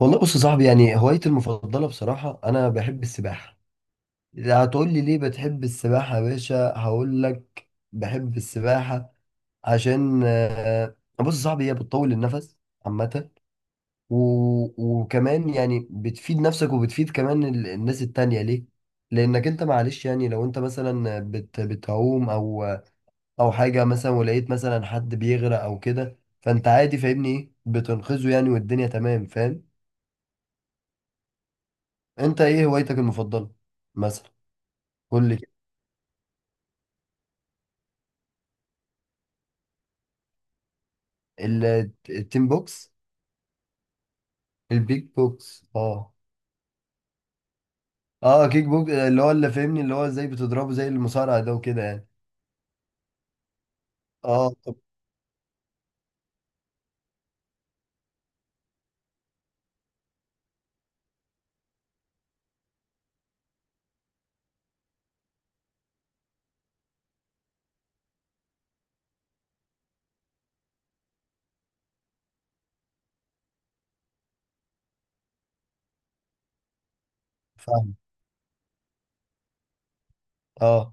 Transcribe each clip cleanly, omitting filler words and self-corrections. والله بص يا صاحبي هوايتي المفضلة بصراحة أنا بحب السباحة. إذا هتقول لي ليه بتحب السباحة يا باشا هقول لك بحب السباحة عشان بص يا صاحبي هي بتطول النفس عامة. وكمان يعني بتفيد نفسك وبتفيد كمان الناس التانية ليه؟ لأنك أنت معلش يعني لو أنت مثلا بتعوم أو أو حاجة مثلا، ولقيت مثلا حد بيغرق أو كده فأنت عادي، فاهمني إيه؟ بتنقذه يعني والدنيا تمام، فاهم؟ انت ايه هوايتك المفضله مثلا؟ قول لي كده. التين بوكس. البيك بوكس، اه. اه، كيك بوكس اللي هو اللي فاهمني اللي هو ازاي بتضربه زي المصارعه ده وكده يعني. اه طب. فاهم. اه.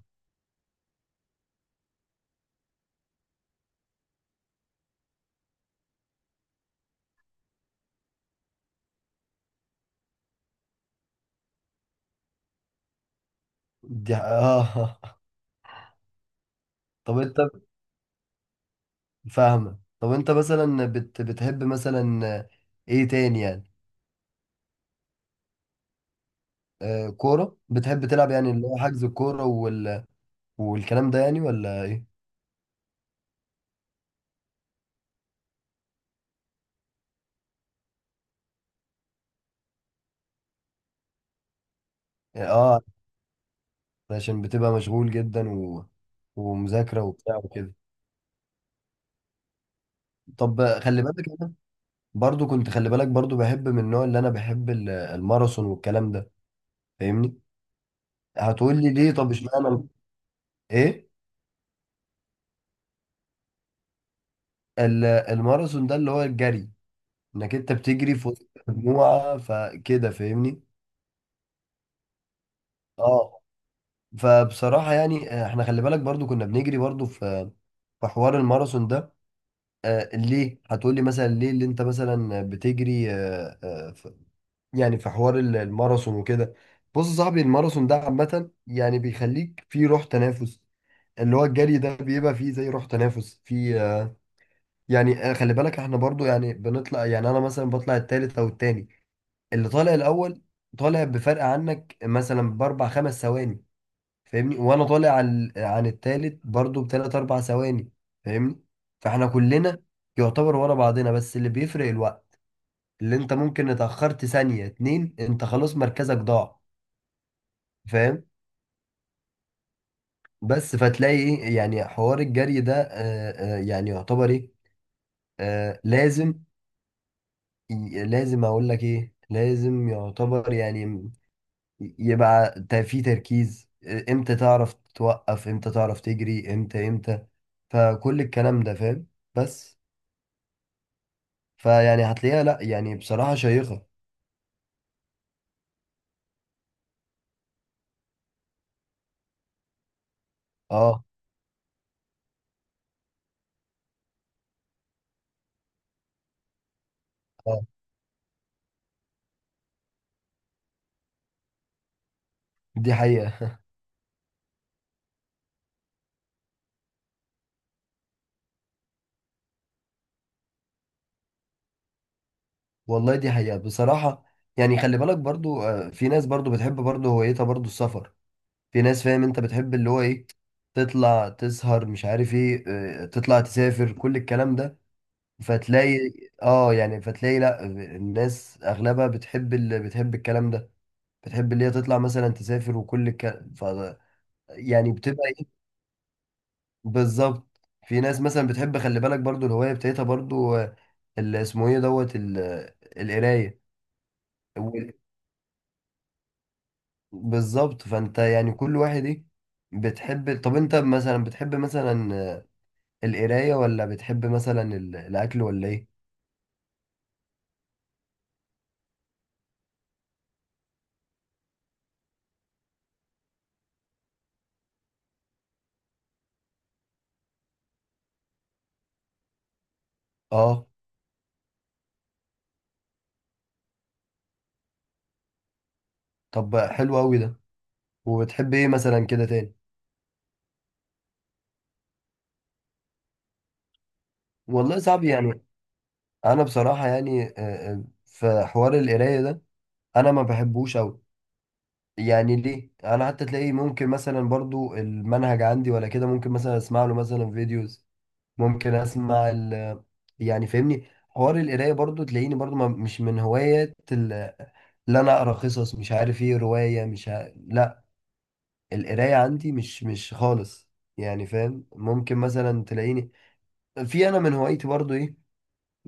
دي اه طب انت فاهمه؟ طب انت مثلا بتحب مثلا ايه تاني يعني؟ آه كوره بتحب تلعب يعني اللي هو حجز الكوره والكلام ده يعني، ولا ايه؟ اه عشان بتبقى مشغول جدا ومذاكره وبتاع وكده. طب خلي بالك انا برضو كنت، خلي بالك برضو بحب من النوع اللي انا بحب الماراثون والكلام ده، فاهمني؟ هتقول لي ليه؟ طب اشمعنى ايه الماراثون ده اللي هو الجري، انك انت بتجري في وسط مجموعه فكده، فاهمني؟ اه فبصراحه يعني احنا خلي بالك برضو كنا بنجري برضو في حوار الماراثون ده. ليه هتقول لي مثلا ليه اللي انت مثلا بتجري؟ يعني في حوار الماراثون وكده. بص يا صاحبي الماراثون ده عامة يعني بيخليك في روح تنافس، اللي هو الجري ده بيبقى فيه زي روح تنافس في يعني خلي بالك احنا برضو يعني بنطلع. يعني انا مثلا بطلع التالت او التاني، اللي طالع الاول طالع بفرق عنك مثلا باربع خمس ثواني، فاهمني؟ وانا طالع عن التالت برضو بتلات اربع ثواني، فاهمني؟ فاحنا كلنا يعتبر ورا بعضنا، بس اللي بيفرق الوقت، اللي انت ممكن اتأخرت ثانية اتنين انت خلاص مركزك ضاع، فاهم؟ بس فتلاقي ايه، يعني حوار الجري ده يعني يعتبر ايه، لازم. لازم اقول لك ايه، لازم يعتبر يعني يبقى في تركيز، امتى تعرف توقف، امتى تعرف تجري، امتى امتى، فكل الكلام ده، فاهم؟ بس فيعني هتلاقيها لا يعني بصراحة شيقة. اه. اه دي حقيقة. والله دي حقيقة بصراحة. يعني خلي بالك برضو في ناس برضو بتحب برضو هوايتها برضو السفر. في ناس فاهم انت بتحب اللي هو ايه؟ تطلع تسهر مش عارف ايه، اه، تطلع تسافر كل الكلام ده، فتلاقي اه، يعني فتلاقي لا الناس اغلبها بتحب اللي بتحب الكلام ده، بتحب اللي هي تطلع مثلا تسافر وكل الكلام. ف يعني بتبقى ايه؟ بالظبط. في ناس مثلا بتحب خلي بالك برضو الهواية بتاعتها برضو اللي اسمه ايه دوت القراية وال- بالظبط. فانت يعني كل واحد ايه بتحب. طب انت مثلا بتحب مثلا القراية ولا بتحب مثلا الأكل ولا إيه؟ آه طب حلو أوي ده. وبتحب إيه مثلا كده تاني؟ والله صعب يعني. أنا بصراحة يعني في حوار القراية ده أنا ما بحبوش أوي. يعني ليه؟ أنا حتى تلاقي ممكن مثلا برضو المنهج عندي ولا كده ممكن مثلا أسمع له مثلا فيديوز، ممكن أسمع ال يعني فاهمني. حوار القراية برضو تلاقيني برضو ما مش من هوايات اللي أنا أقرأ قصص مش عارف إيه رواية مش ع... لا، القراية عندي مش خالص، يعني فاهم؟ ممكن مثلا تلاقيني في انا من هوايتي برضو ايه،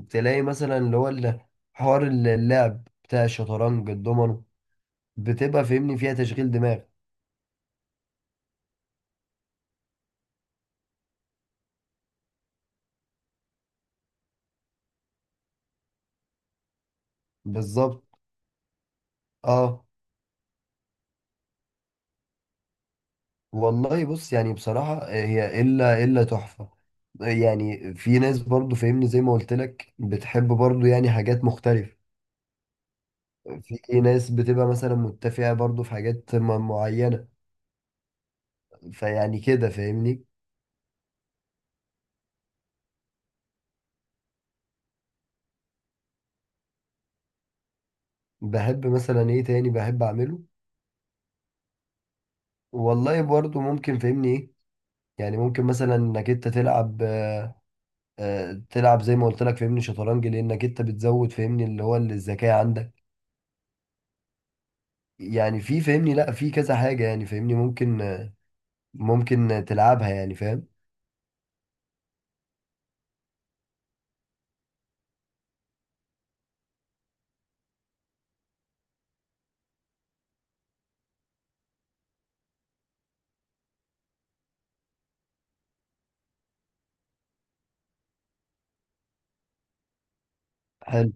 تلاقي مثلا اللي هو حوار اللعب بتاع الشطرنج الضمنه، بتبقى فاهمني فيها تشغيل دماغ. بالظبط. اه والله بص يعني بصراحة هي الا تحفة. يعني في ناس برضو فاهمني زي ما قلت لك بتحب برضو يعني حاجات مختلفة. في ناس بتبقى مثلا متفقة برضو في حاجات معينة، فيعني كده فاهمني. بحب مثلا ايه تاني بحب اعمله؟ والله برضو ممكن فهمني ايه. يعني ممكن مثلا انك انت تلعب تلعب زي ما قلت لك فهمني شطرنج، لانك انت بتزود فهمني اللي هو الذكاء عندك. يعني في فهمني لا في كذا حاجة يعني فهمني ممكن ممكن تلعبها، يعني فاهم؟ حلو.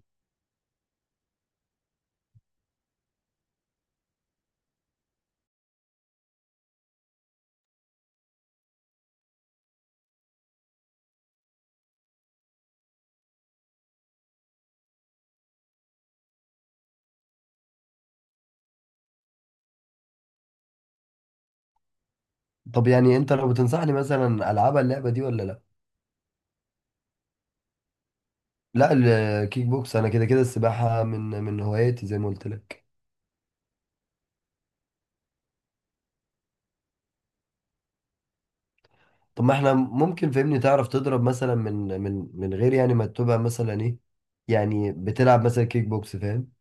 طب يعني انت لو بتنصحني مثلا العبها اللعبة دي ولا لا؟ لا الكيك بوكس انا كده كده السباحة من هواياتي زي ما قلت لك. طب ما احنا ممكن فهمني تعرف تضرب مثلا من غير يعني ما تبقى مثلا ايه، يعني بتلعب مثلا كيك بوكس، فاهم؟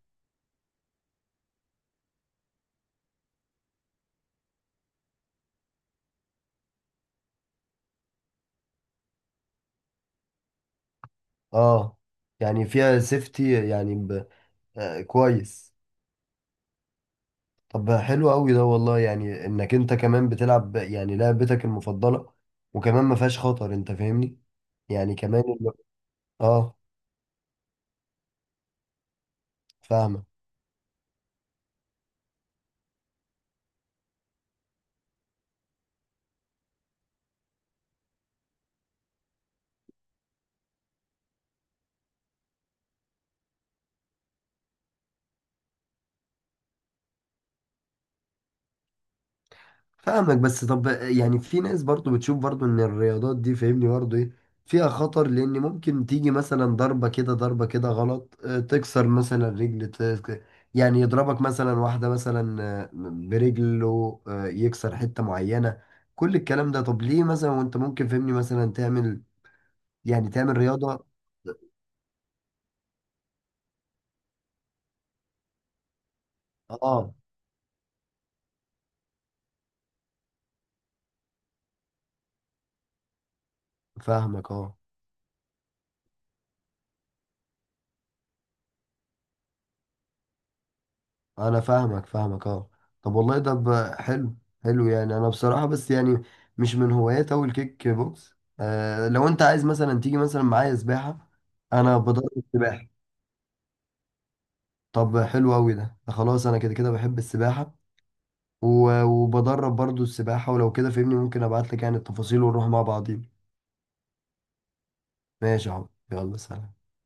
اه يعني فيها سيفتي يعني آه كويس. طب حلو قوي ده والله، يعني انك انت كمان بتلعب يعني لعبتك المفضلة وكمان ما فيهاش خطر انت فاهمني، يعني كمان اللي... اه فاهمك فاهمك. بس طب يعني في ناس برضو بتشوف برضو ان الرياضات دي فاهمني برضو ايه، فيها خطر لان ممكن تيجي مثلا ضربة كده ضربة كده غلط، تكسر مثلا رجل يعني يضربك مثلا واحدة مثلا برجله، يكسر حتة معينة، كل الكلام ده. طب ليه مثلا وانت ممكن فاهمني مثلا تعمل يعني تعمل رياضة؟ اه فاهمك اه. انا فاهمك اه. طب والله ده حلو. حلو يعني انا بصراحة، بس يعني مش من هوايات اوي الكيك بوكس. آه لو انت عايز مثلا تيجي مثلا معايا سباحة، انا بدرب السباحة. طب حلو اوي ده. ده خلاص انا كده كده بحب السباحة وبدرب برضو السباحة، ولو كده فهمني ممكن ابعت لك يعني التفاصيل ونروح مع بعضين. ماشي يا عم، يلا سلام.